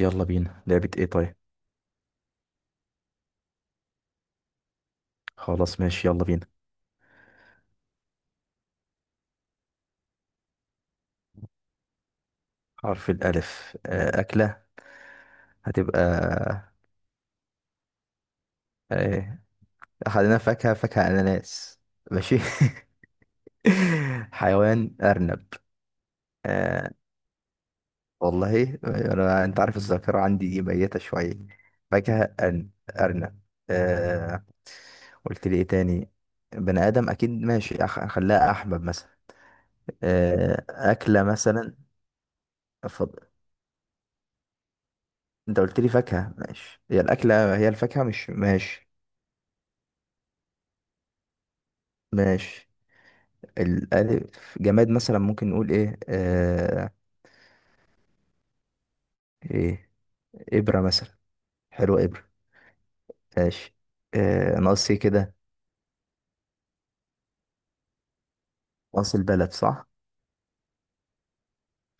يلا بينا، لعبة ايه طيب؟ خلاص ماشي، يلا بينا. حرف الألف، أكلة. هتبقى. آه، أخدنا فاكهة أناناس. ماشي. حيوان أرنب. آه، والله أنت عارف الذاكرة عندي دي ميتة شوية. فاكهة أرنب. آه، قلت لي إيه تاني؟ بني آدم أكيد. ماشي، أخليها أحمد مثلا. آه، أكلة مثلا. اتفضل. أنت قلت لي فاكهة ماشي، هي الأكلة هي الفاكهة، مش ماشي؟ ماشي. الألف جماد، مثلا ممكن نقول إيه؟ إيه، إبرة مثلا. حلوة إبرة. ماشي، آه، ناقص إيه كده؟ ناقص البلد، صح.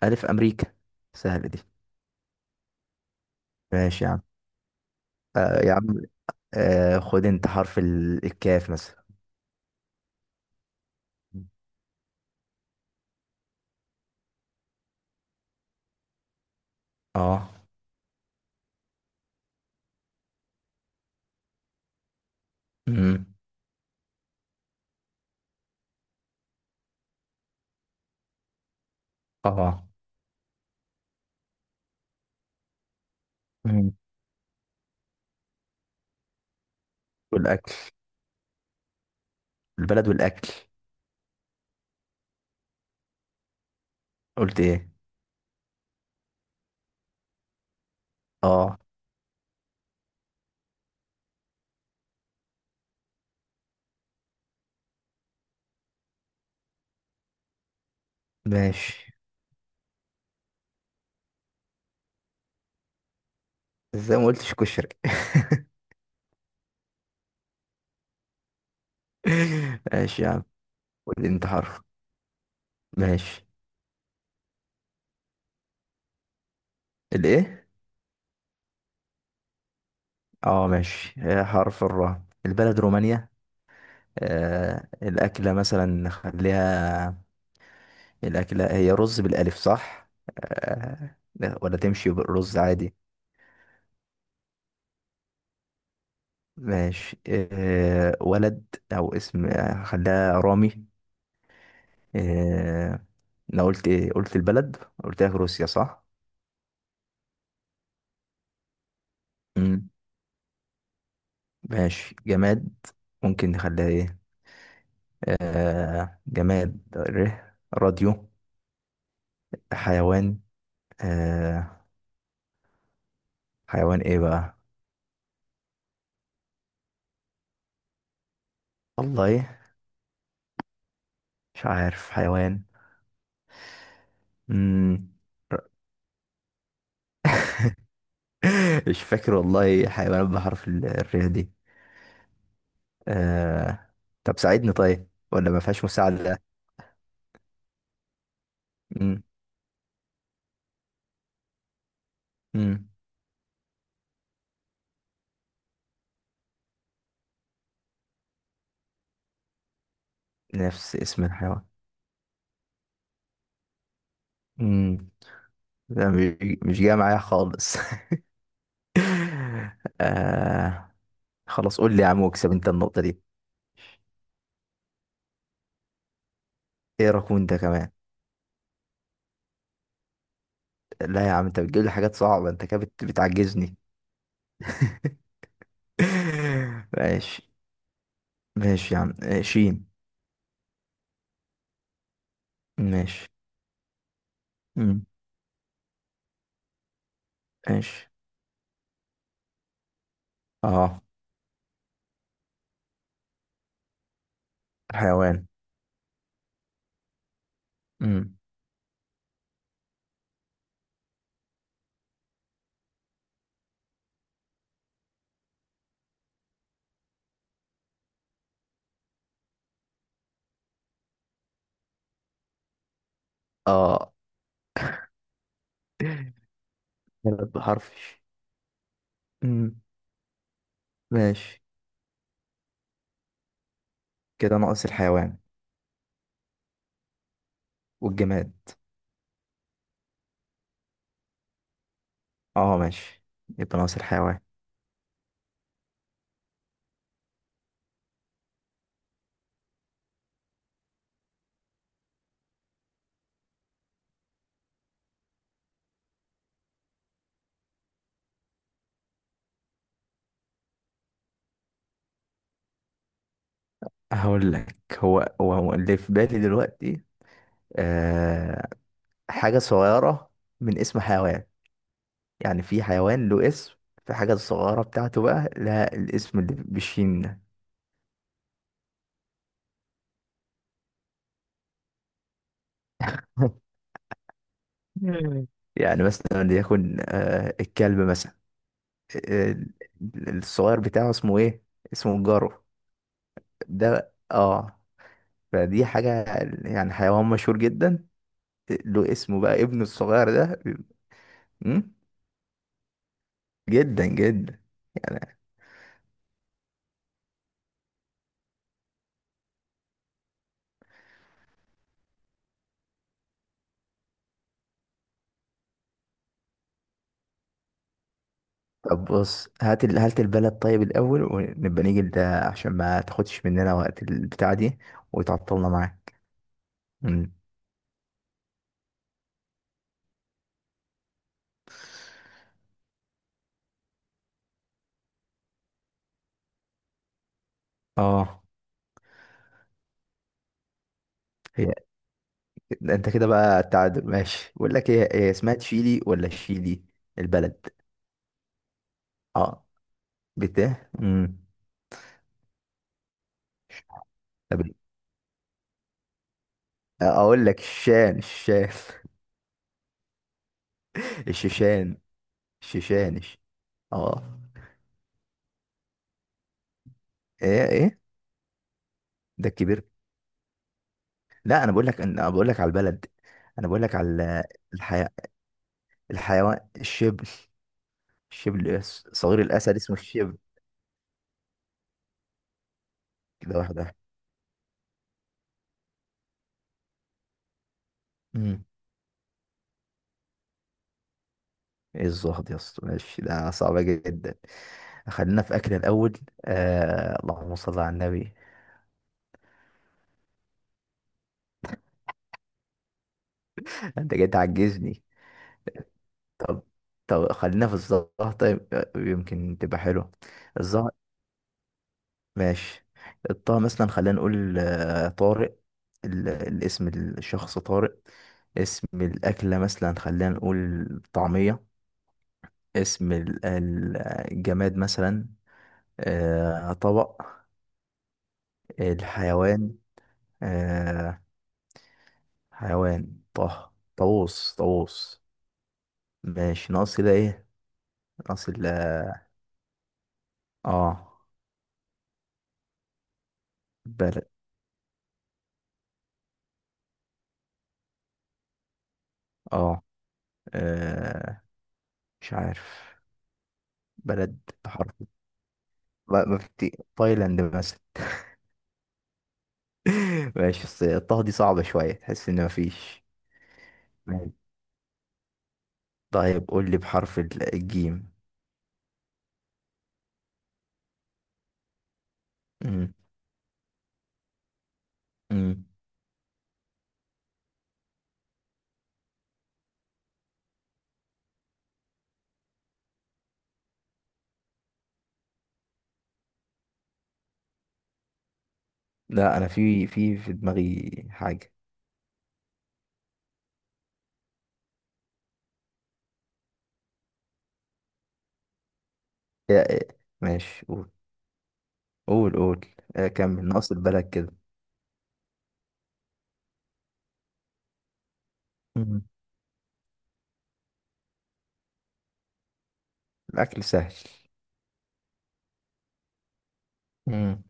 ألف أمريكا. سهلة دي. ماشي يا عم. آه يا عم. آه، خد أنت حرف الكاف مثلا. اه. امم اه. امم والاكل. البلد والاكل. قلت ايه؟ اه، ماشي. ازاي ما قلتش كشري؟ ماشي يا عم. قول لي انت حرف. ماشي. الايه؟ اه، ماشي. حرف الراء، البلد رومانيا. آه، الأكلة مثلا خليها. الأكلة هي رز، بالألف صح؟ آه لا، ولا تمشي بالرز عادي. ماشي. آه، ولد. أو اسم. خليها رامي. آه. أنا قلت إيه؟ قلت البلد. قلت لك روسيا، صح؟ مم. ماشي، جماد. ممكن نخليها إيه؟ آه، جماد، راديو. حيوان. آه. حيوان إيه بقى؟ والله، مش عارف حيوان. مم. مش فاكر والله، حيوانات بحرف الرياء دي. آه... طب ساعدني طيب، ولا ما فيهاش مساعدة؟ مم. مم. نفس اسم الحيوان؟ مم. لا، مش جاي معايا خالص. آه... خلاص، قول لي يا عم، واكسب انت النقطة دي. ايه رقم انت كمان؟ لا يا عم، انت بتجيب لي حاجات صعبة، انت كده بتعجزني. ماشي، ماشي يا عم. شين. ماشي. مم. ماشي. اه. حيوان. امم اه. ثلاث بحرف. امم ماشي. كده ناقص الحيوان والجماد. اه، ماشي، يبقى ناقص الحيوان. هقول لك هو اللي في بالي دلوقتي. آه، حاجة صغيرة، من اسم حيوان. يعني في حيوان له اسم، في حاجة صغيرة بتاعته بقى لها الاسم اللي بالشين ده. مم. يعني مثلا ليكن الكلب مثلا. آه. الصغير بتاعه اسمه ايه؟ اسمه الجارو ده، اه. فدي حاجة، يعني حيوان مشهور جدا، له اسمه بقى، ابنه الصغير ده. مم؟ جدا جدا، يعني. طب بص، هات البلد طيب الأول، ونبقى نيجي لده عشان ما تاخدش مننا وقت البتاع دي وتعطلنا معاك. مم. اه، هي. ده انت كده بقى التعادل ماشي. بقول لك ايه، هي اسمها تشيلي ولا شيلي؟ البلد. اه، بت امم طب، اقول لك الشان. الشيشان. شيشانش. اه. ايه، ايه؟ ده الكبير. لا، انا بقول لك على البلد. انا بقول لك على. الحي... الحيوان الشبل. الشبل. صغير الاسد اسمه الشبل. كده واحده. امم ايه الزهد يا اسطى؟ ماشي، ده صعبه جدا. خلينا في اكل الاول. اللهم صل على النبي. انت جاي تعجزني. طب طب، خلينا في الزهر طيب، يمكن تبقى حلوه. ماشي. الطه مثلا، خلينا نقول طارق. الاسم الشخص طارق. اسم الأكلة مثلا خلينا نقول. طعمية. اسم الجماد مثلا. طبق. الحيوان. آه، حيوان طه، طاووس طاووس. ماشي، ناقص كده ايه؟ ناقص اه، بلد. اه. آه، مش عارف بلد بحرف. ما في تايلاند مثلا. ماشي، بس الطه دي صعبة شوية، تحس ان مفيش. ماشي. طيب قول لي بحرف الجيم. مم. مم. لا، انا في دماغي حاجة. إيه. ماشي، قول. قول، قول. كمل ناقص البلد كده. مم. الاكل سهل. مم.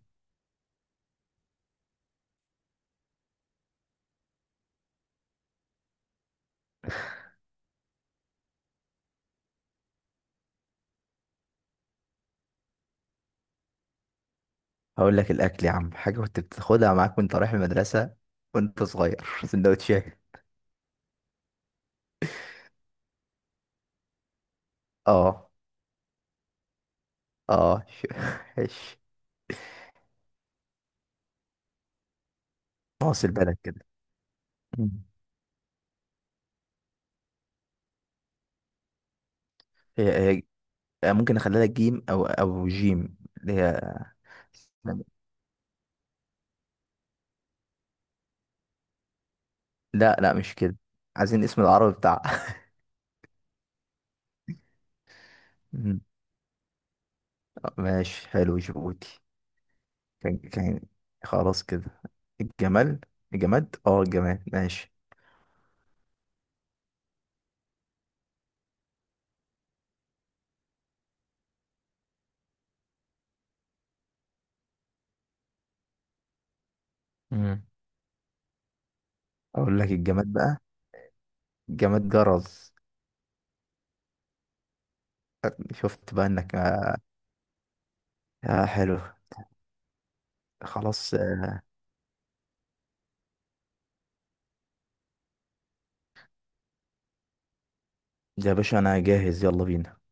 هقول لك الاكل يا عم، حاجة كنت بتاخدها معاك وانت رايح المدرسة وانت صغير. سندوتشات. اه، اه ش- ناقص البلد كده. مم. هي، هي ممكن اخليها لك جيم او جيم، اللي هي. لا، لا، مش كده. عايزين اسم العربي بتاعها. مم. ماشي، حلو، جيبوتي. كان خلاص كده. الجمال، الجماد، اه، الجماد ماشي. مم. اقول لك الجماد بقى، الجماد جرز. شفت بقى انك. آه، حلو. خلاص. يا باشا، انا جاهز، يلا بينا.